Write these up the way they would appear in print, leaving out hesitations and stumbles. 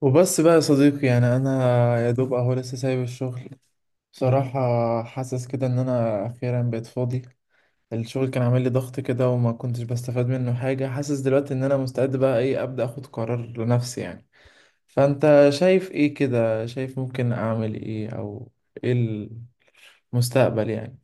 وبس بقى يا صديقي، يعني انا يا دوب اهو لسه سايب الشغل بصراحة. حاسس كده ان انا اخيرا بقيت فاضي. الشغل كان عامل لي ضغط كده وما كنتش بستفاد منه حاجة. حاسس دلوقتي ان انا مستعد بقى ايه، ابدأ اخد قرار لنفسي يعني. فانت شايف ايه كده؟ شايف ممكن اعمل ايه، او ايه المستقبل يعني؟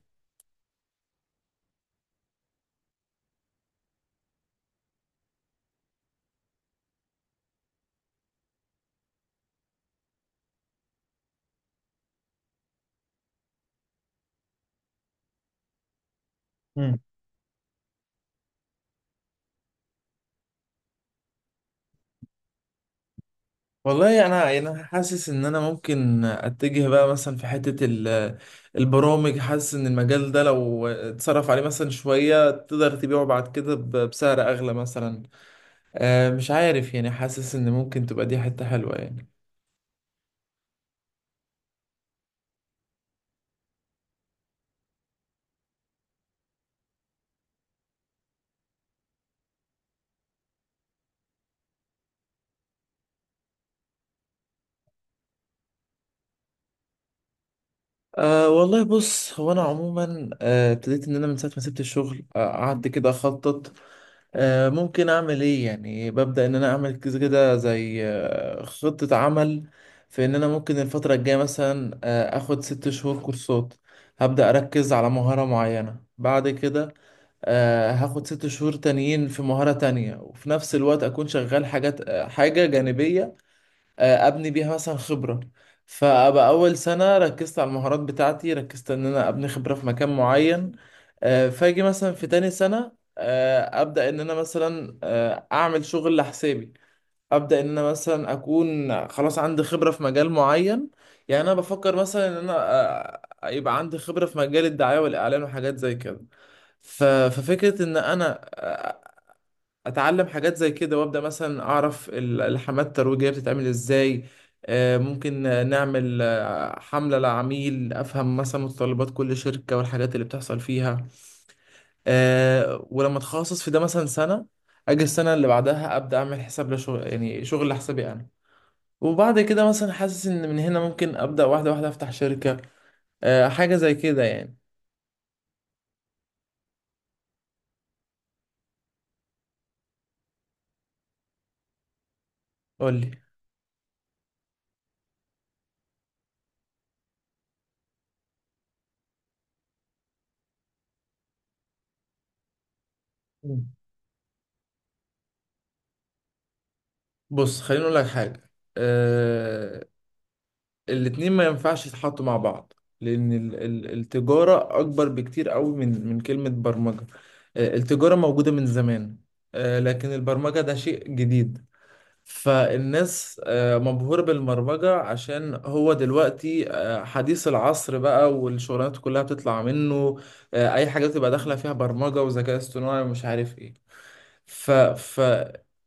والله يعني انا، يعني انا حاسس ان انا ممكن اتجه بقى مثلا في حتة البرامج. حاسس ان المجال ده لو اتصرف عليه مثلا شوية تقدر تبيعه بعد كده بسعر اغلى مثلا. مش عارف يعني، حاسس ان ممكن تبقى دي حتة حلوة يعني. أه والله بص، هو انا عموما ابتديت ان انا من ساعه ما سبت الشغل قعدت كده اخطط ممكن اعمل ايه يعني. ببدأ ان انا اعمل كذا كده زي خطة عمل في ان انا ممكن الفترة الجاية مثلا اخد ست شهور كورسات. هبدأ اركز على مهارة معينة، بعد كده هاخد ست شهور تانيين في مهارة تانية، وفي نفس الوقت اكون شغال حاجات حاجة جانبية ابني بيها مثلا خبره. فابقى اول سنه ركزت على المهارات بتاعتي، ركزت ان انا ابني خبره في مكان معين. فاجي مثلا في تاني سنه ابدا ان انا مثلا اعمل شغل لحسابي. ابدا ان انا مثلا اكون خلاص عندي خبره في مجال معين. يعني انا بفكر مثلا ان انا يبقى عندي خبره في مجال الدعايه والاعلان وحاجات زي كده. ففكرة ان انا اتعلم حاجات زي كده وابدا مثلا اعرف الحملات الترويجيه بتتعمل ازاي. آه، ممكن آه، نعمل حمله لعميل، افهم مثلا متطلبات كل شركه والحاجات اللي بتحصل فيها. ولما اتخصص في ده مثلا سنه، اجي السنه اللي بعدها ابدا اعمل حساب لشغل، يعني شغل لحسابي انا. وبعد كده مثلا حاسس ان من هنا ممكن ابدا واحده واحده افتح شركه، حاجه زي كده يعني. قول لي. مم. بص، خليني اقول لك حاجه. آه، الاتنين ما ينفعش يتحطوا مع بعض، لأن التجارة أكبر بكتير قوي من كلمة برمجة. التجارة موجودة من زمان، لكن البرمجة ده شيء جديد. فالناس مبهورة بالبرمجة عشان هو دلوقتي حديث العصر بقى، والشغلانات كلها بتطلع منه. أي حاجة بتبقى داخلة فيها برمجة وذكاء اصطناعي ومش عارف إيه. ف ف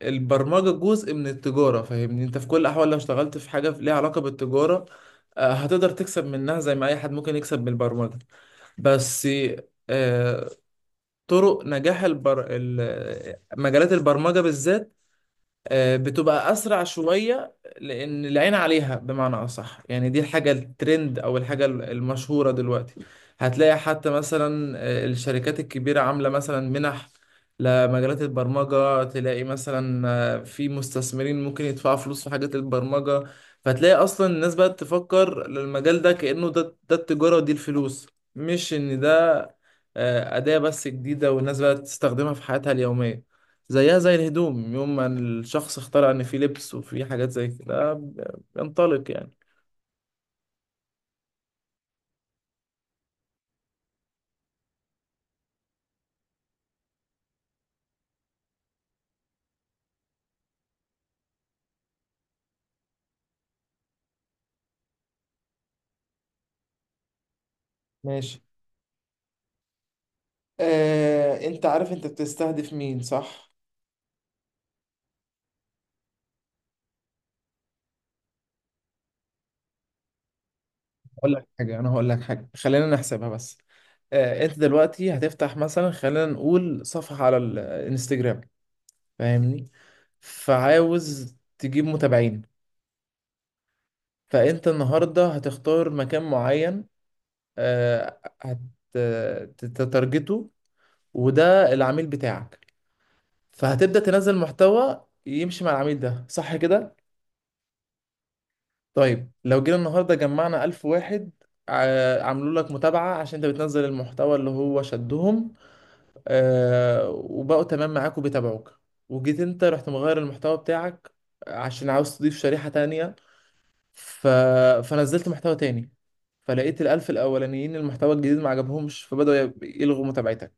البرمجة جزء من التجارة، فاهمني؟ انت في كل الأحوال لو اشتغلت في حاجة ليها علاقة بالتجارة، هتقدر تكسب منها زي ما أي حد ممكن يكسب من البرمجة. بس آه، طرق نجاح مجالات البرمجة بالذات بتبقى اسرع شويه، لان العين عليها، بمعنى اصح يعني دي الحاجه الترند او الحاجه المشهوره دلوقتي. هتلاقي حتى مثلا الشركات الكبيره عامله مثلا منح لمجالات البرمجه، تلاقي مثلا في مستثمرين ممكن يدفعوا فلوس في حاجات البرمجه. فتلاقي اصلا الناس بقت تفكر للمجال ده كانه ده التجاره ودي الفلوس، مش ان ده اداه بس جديده والناس بقت تستخدمها في حياتها اليوميه، زيها زي الهدوم يوم ما الشخص اخترع ان في لبس وفي حاجات زي كده بينطلق يعني. ماشي. انت عارف انت بتستهدف مين، صح؟ هقول لك حاجة، أنا هقول لك حاجة، خلينا نحسبها بس. أنت دلوقتي هتفتح مثلا، خلينا نقول صفحة على الانستجرام، فاهمني؟ فعاوز تجيب متابعين، فأنت النهاردة هتختار مكان معين، آه، هت- تتارجته، وده العميل بتاعك. فهتبدأ تنزل محتوى يمشي مع العميل ده، صح كده؟ طيب لو جينا النهاردة جمعنا ألف واحد عملوا لك متابعة عشان انت بتنزل المحتوى اللي هو شدهم، آه، وبقوا تمام معاك وبيتابعوك، وجيت انت رحت مغير المحتوى بتاعك عشان عاوز تضيف شريحة تانية. ف... فنزلت محتوى تاني، فلقيت الألف الأولانيين المحتوى الجديد ما عجبهمش فبدأوا يلغوا متابعتك.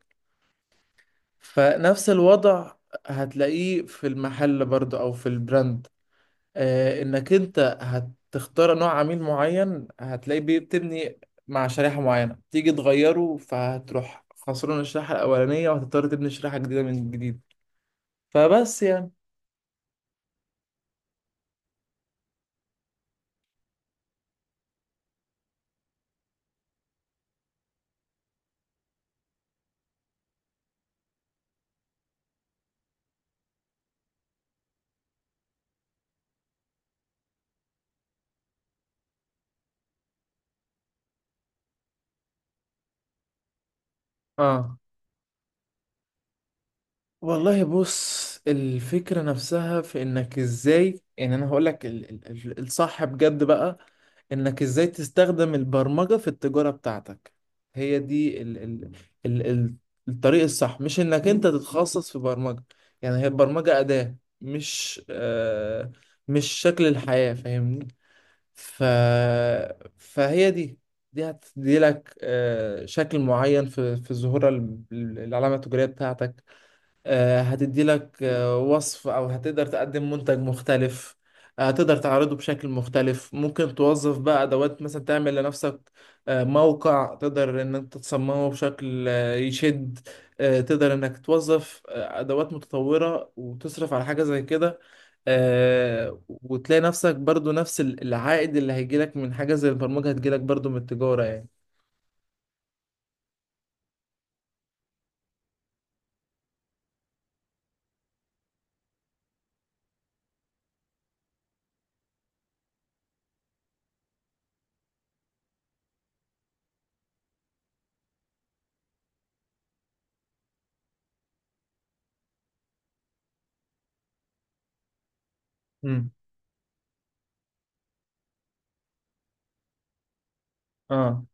فنفس الوضع هتلاقيه في المحل برضه أو في البراند. انك انت هتختار نوع عميل معين، هتلاقيه بتبني مع شريحة معينة، تيجي تغيره فهتروح خسران الشريحة الأولانية وهتضطر تبني شريحة جديدة من جديد. فبس يعني. اه والله بص، الفكرة نفسها في انك ازاي، يعني انا هقولك الصح بجد بقى، انك ازاي تستخدم البرمجة في التجارة بتاعتك. هي دي ال ال ال ال الطريق الصح، مش انك انت تتخصص في برمجة. يعني هي البرمجة أداة، مش آه مش شكل الحياة، فاهمني؟ ف فهي دي، دي هتدي لك آه شكل معين في ظهور العلامة التجارية بتاعتك. هتدي لك وصف، او هتقدر تقدم منتج مختلف. هتقدر تعرضه بشكل مختلف. ممكن توظف بقى ادوات، مثلا تعمل لنفسك موقع تقدر ان انت تصممه بشكل يشد. تقدر انك توظف ادوات متطورة وتصرف على حاجة زي كده. وتلاقي نفسك برضو نفس العائد اللي هيجيلك من حاجة زي البرمجة هتجيلك برضو من التجارة يعني. مم. اه.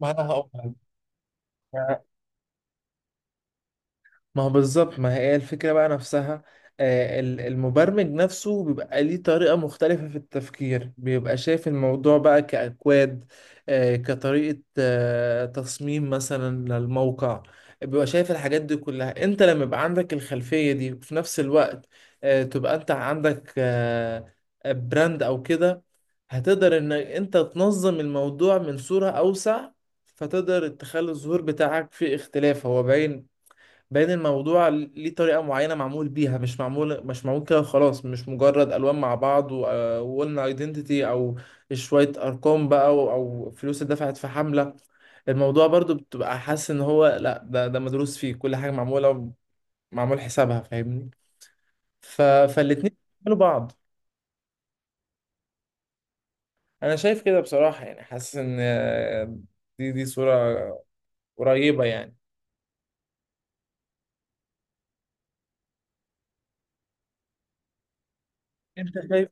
ما انا هقول لك، ما هو بالظبط، ما هي الفكرة بقى نفسها. المبرمج نفسه بيبقى ليه طريقة مختلفة في التفكير، بيبقى شايف الموضوع بقى كأكواد، كطريقة تصميم مثلا للموقع. بيبقى شايف الحاجات دي كلها. انت لما يبقى عندك الخلفية دي وفي نفس الوقت تبقى انت عندك براند او كده، هتقدر ان انت تنظم الموضوع من صورة اوسع. فتقدر تخلي الظهور بتاعك فيه اختلاف، هو باين. باين الموضوع ليه طريقة معينة معمول بيها، مش معمول كده خلاص، مش مجرد ألوان مع بعض وقلنا ايدنتيتي، أو شوية أرقام بقى أو فلوس اتدفعت في حملة. الموضوع برضو بتبقى حاسس إن هو لأ، ده مدروس، فيه كل حاجة معمولة، معمول حسابها، فاهمني؟ فالاتنين بيكملوا بعض. أنا شايف كده بصراحة، يعني حاسس إن دي صورة قريبة يعني. أنت شايف،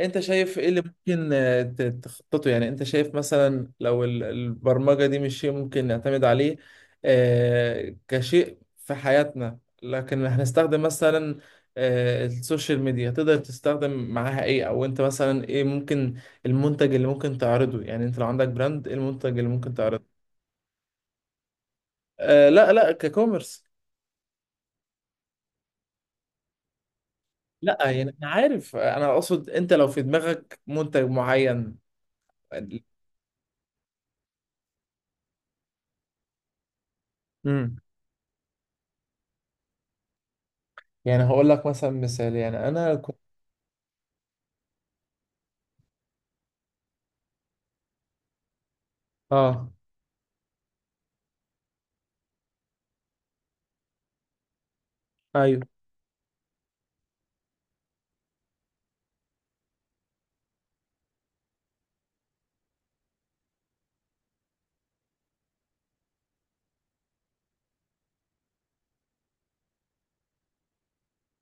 انت شايف ايه اللي ممكن تخططه يعني. انت شايف مثلا لو البرمجة دي مش شيء ممكن نعتمد عليه كشيء في حياتنا، لكن هنستخدم مثلا السوشيال ميديا، تقدر تستخدم معاها ايه؟ او انت مثلا ايه ممكن المنتج اللي ممكن تعرضه؟ يعني انت لو عندك براند، ايه المنتج اللي ممكن تعرضه؟ لا لا، ككوميرس. لا، يعني انا عارف، انا اقصد انت لو في دماغك منتج معين. امم. يعني هقول لك مثلا مثال، يعني انا. اه. ايوه.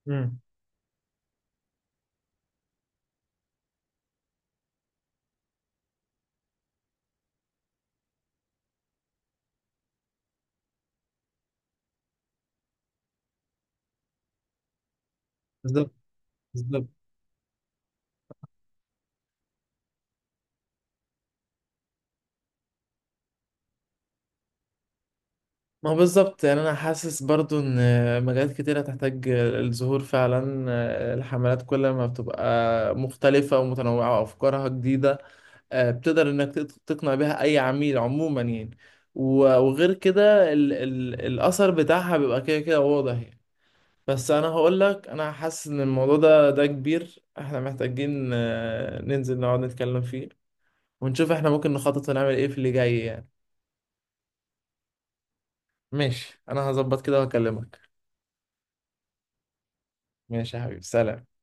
امم. بالظبط. بالظبط. ما هو بالظبط. يعني انا حاسس برضو ان مجالات كتيرة تحتاج الظهور فعلا. الحملات كل ما بتبقى مختلفة ومتنوعة وافكارها جديدة، بتقدر انك تقنع بيها اي عميل عموما يعني. وغير كده ال ال الاثر بتاعها بيبقى كده كده واضح يعني. بس انا هقول لك، انا حاسس ان الموضوع ده كبير، احنا محتاجين ننزل نقعد نتكلم فيه ونشوف احنا ممكن نخطط ونعمل ايه في اللي جاي يعني. ماشي، انا هظبط كده واكلمك. ماشي يا حبيبي، سلام.